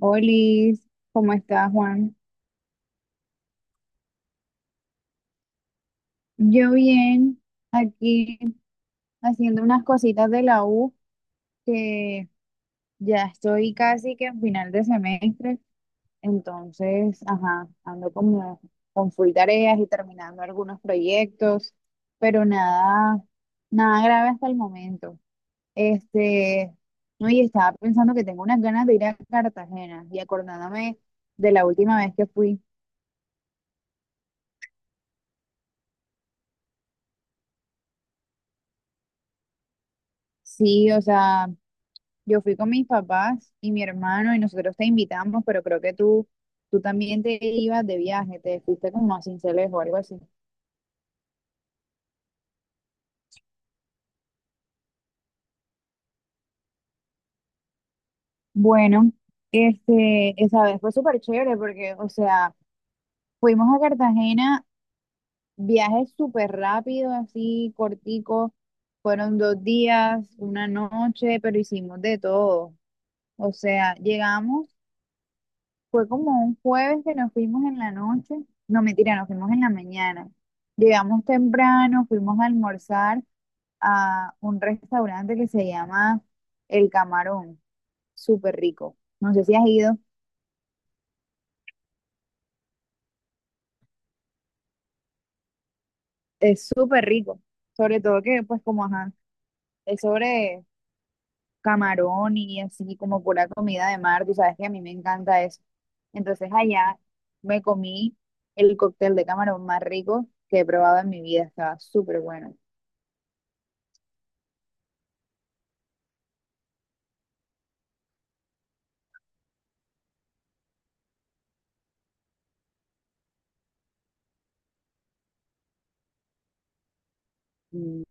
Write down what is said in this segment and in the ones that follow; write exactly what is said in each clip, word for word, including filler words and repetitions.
Olis, ¿cómo estás, Juan? Yo bien, aquí haciendo unas cositas de la U, que ya estoy casi que en final de semestre, entonces, ajá, ando como con full tareas y terminando algunos proyectos, pero nada, nada grave hasta el momento. Este, no, y estaba pensando que tengo unas ganas de ir a Cartagena y acordándome de la última vez que fui. Sí, o sea, yo fui con mis papás y mi hermano y nosotros te invitamos, pero creo que tú, tú también te ibas de viaje, te fuiste como a Sincelejo o algo así. Bueno, este, esa vez fue súper chévere porque, o sea, fuimos a Cartagena, viaje súper rápido, así cortico, fueron dos días, una noche, pero hicimos de todo. O sea, llegamos. Fue como un jueves que nos fuimos en la noche. No, mentira, nos fuimos en la mañana. Llegamos temprano, fuimos a almorzar a un restaurante que se llama El Camarón. Súper rico. No sé si has ido. Es súper rico. Sobre todo que, pues, como, ajá, es sobre camarón y así como pura comida de mar. Tú sabes que a mí me encanta eso. Entonces allá me comí el cóctel de camarón más rico que he probado en mi vida. Estaba súper bueno. Mm,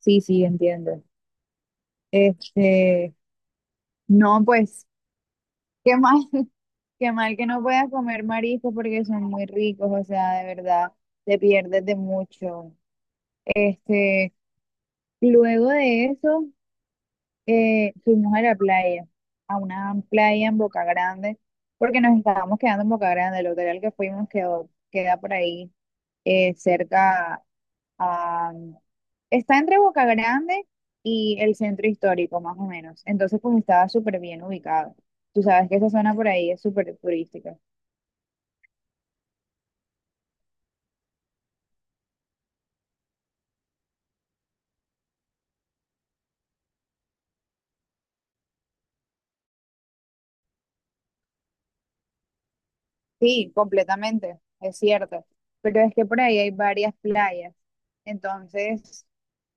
sí, sí, entiendo. Este, no, pues, qué mal, qué mal que no puedas comer mariscos porque son muy ricos, o sea, de verdad, te pierdes de mucho. Este, luego de eso, eh, fuimos a la playa, a una playa en Boca Grande, porque nos estábamos quedando en Boca Grande, el hotel al que fuimos quedó, queda por ahí, eh, cerca. Ah, está entre Boca Grande y el centro histórico, más o menos. Entonces, pues estaba súper bien ubicado. Tú sabes que esa zona por ahí es súper turística. Sí, completamente, es cierto. Pero es que por ahí hay varias playas. Entonces,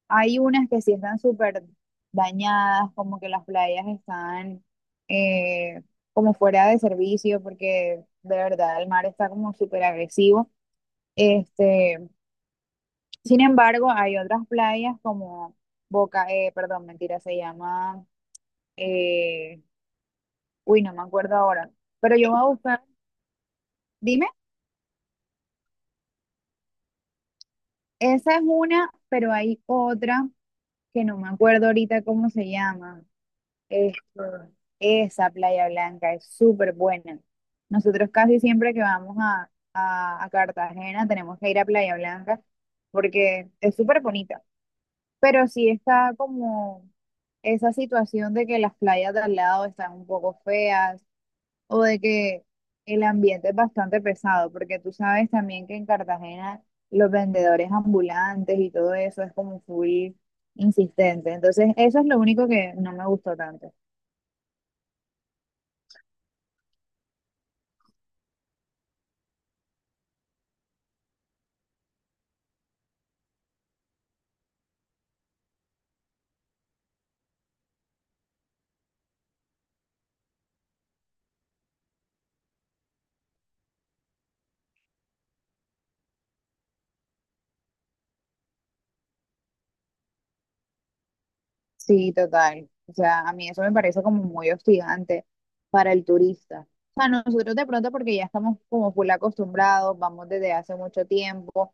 hay unas que sí están súper dañadas, como que las playas están eh, como fuera de servicio, porque de verdad el mar está como súper agresivo. Este, Sin embargo, hay otras playas como Boca, eh, perdón, mentira, se llama, eh, uy, no me acuerdo ahora, pero yo voy a buscar, dime, esa es una, pero hay otra que no me acuerdo ahorita cómo se llama. Esto, esa Playa Blanca es súper buena. Nosotros casi siempre que vamos a, a, a Cartagena tenemos que ir a Playa Blanca porque es súper bonita. Pero sí está como esa situación de que las playas de al lado están un poco feas o de que el ambiente es bastante pesado, porque tú sabes también que en Cartagena los vendedores ambulantes y todo eso es como full insistente. Entonces, eso es lo único que no me gustó tanto. Sí, total. O sea, a mí eso me parece como muy hostigante para el turista. O sea, nosotros de pronto porque ya estamos como full acostumbrados, vamos desde hace mucho tiempo.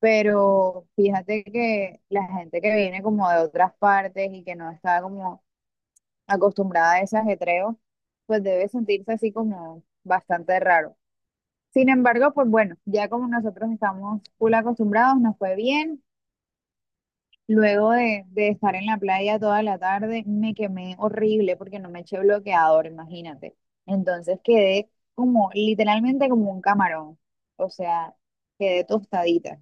Pero fíjate que la gente que viene como de otras partes y que no está como acostumbrada a ese ajetreo, pues debe sentirse así como bastante raro. Sin embargo, pues bueno, ya como nosotros estamos full acostumbrados, nos fue bien. Luego de, de estar en la playa toda la tarde, me quemé horrible porque no me eché bloqueador, imagínate. Entonces quedé como literalmente como un camarón, o sea, quedé tostadita.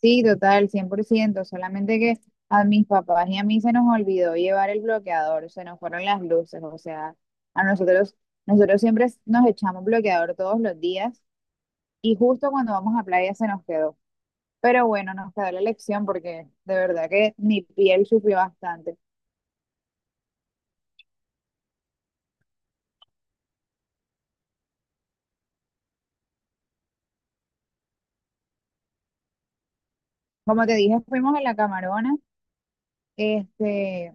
Sí, total, cien por ciento. Solamente que a mis papás y a mí se nos olvidó llevar el bloqueador, se nos fueron las luces, o sea, a nosotros, nosotros siempre nos echamos bloqueador todos los días y justo cuando vamos a playa se nos quedó. Pero bueno, nos quedó la lección porque de verdad que mi piel sufrió bastante. Como te dije, fuimos a la Camarona, este,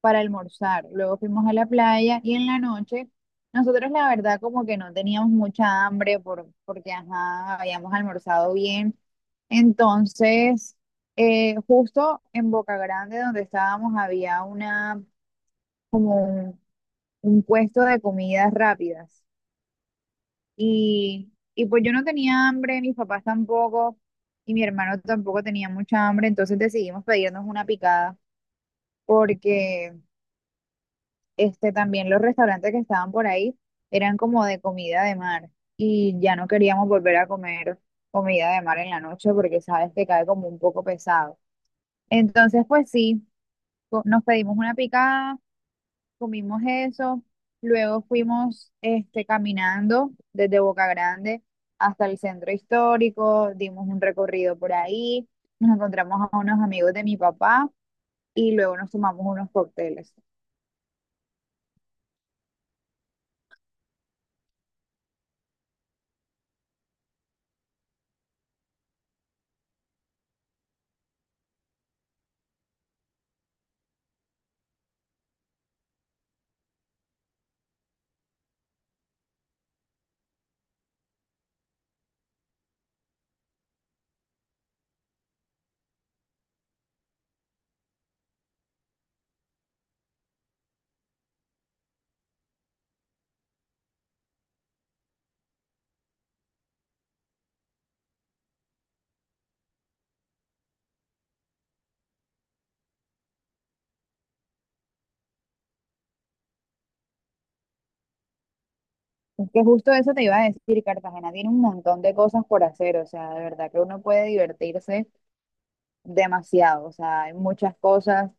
para almorzar. Luego fuimos a la playa y en la noche, nosotros la verdad como que no teníamos mucha hambre por, porque, ajá, habíamos almorzado bien. Entonces, eh, justo en Boca Grande donde estábamos había una, como un, un puesto de comidas rápidas. Y, y pues yo no tenía hambre, mis papás tampoco. Y mi hermano tampoco tenía mucha hambre, entonces decidimos pedirnos una picada porque Este, también los restaurantes que estaban por ahí eran como de comida de mar y ya no queríamos volver a comer comida de mar en la noche porque sabes que cae como un poco pesado. Entonces, pues sí, co- nos pedimos una picada, comimos eso, luego fuimos este, caminando desde Boca Grande hasta el centro histórico, dimos un recorrido por ahí, nos encontramos a unos amigos de mi papá y luego nos tomamos unos cócteles. Es que justo eso te iba a decir, Cartagena tiene un montón de cosas por hacer, o sea, de verdad que uno puede divertirse demasiado, o sea, hay muchas cosas,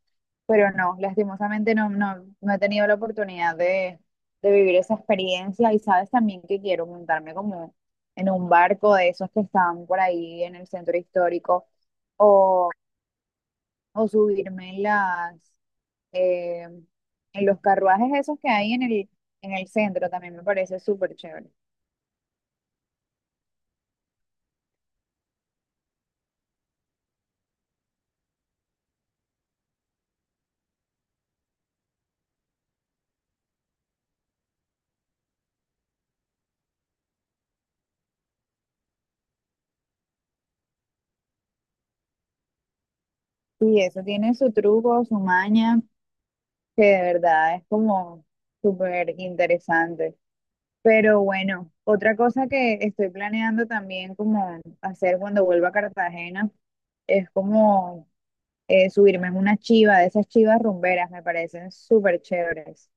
pero no, lastimosamente no, no, no he tenido la oportunidad de, de vivir esa experiencia y sabes también que quiero montarme como en un barco de esos que están por ahí en el centro histórico o, o subirme en las, eh, en los carruajes esos que hay en el, en el centro, también me parece súper chévere. Y eso tiene su truco, su maña, que de verdad es como súper interesante. Pero bueno, otra cosa que estoy planeando también como hacer cuando vuelva a Cartagena es como eh, subirme en una chiva, de esas chivas rumberas, me parecen súper chéveres.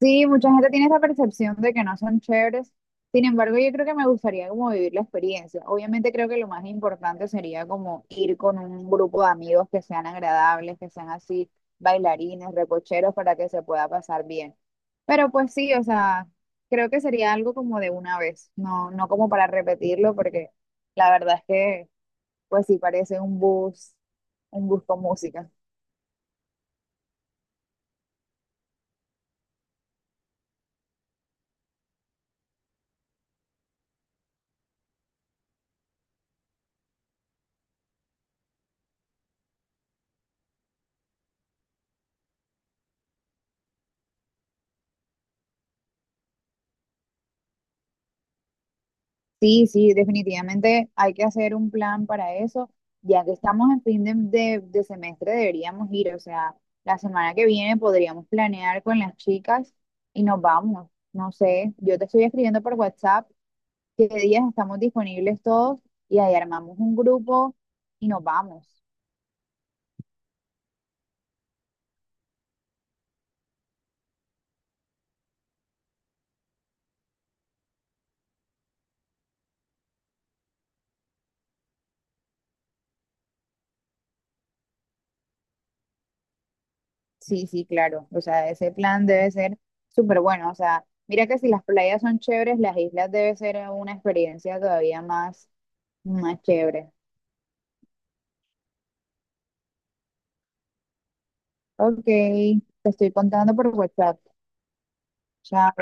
Sí, mucha gente tiene esa percepción de que no son chéveres. Sin embargo, yo creo que me gustaría como vivir la experiencia. Obviamente creo que lo más importante sería como ir con un grupo de amigos que sean agradables, que sean así bailarines, recocheros, para que se pueda pasar bien. Pero pues sí, o sea, creo que sería algo como de una vez, no, no como para repetirlo, porque la verdad es que pues sí parece un bus, un bus con música. Sí, sí, definitivamente hay que hacer un plan para eso. Ya que estamos en fin de, de- de semestre, deberíamos ir. O sea, la semana que viene podríamos planear con las chicas y nos vamos. No sé, yo te estoy escribiendo por WhatsApp qué días estamos disponibles todos y ahí armamos un grupo y nos vamos. Sí, sí, claro. O sea, ese plan debe ser súper bueno. O sea, mira que si las playas son chéveres, las islas debe ser una experiencia todavía más, más chévere. Ok, te estoy contando por WhatsApp. Chao.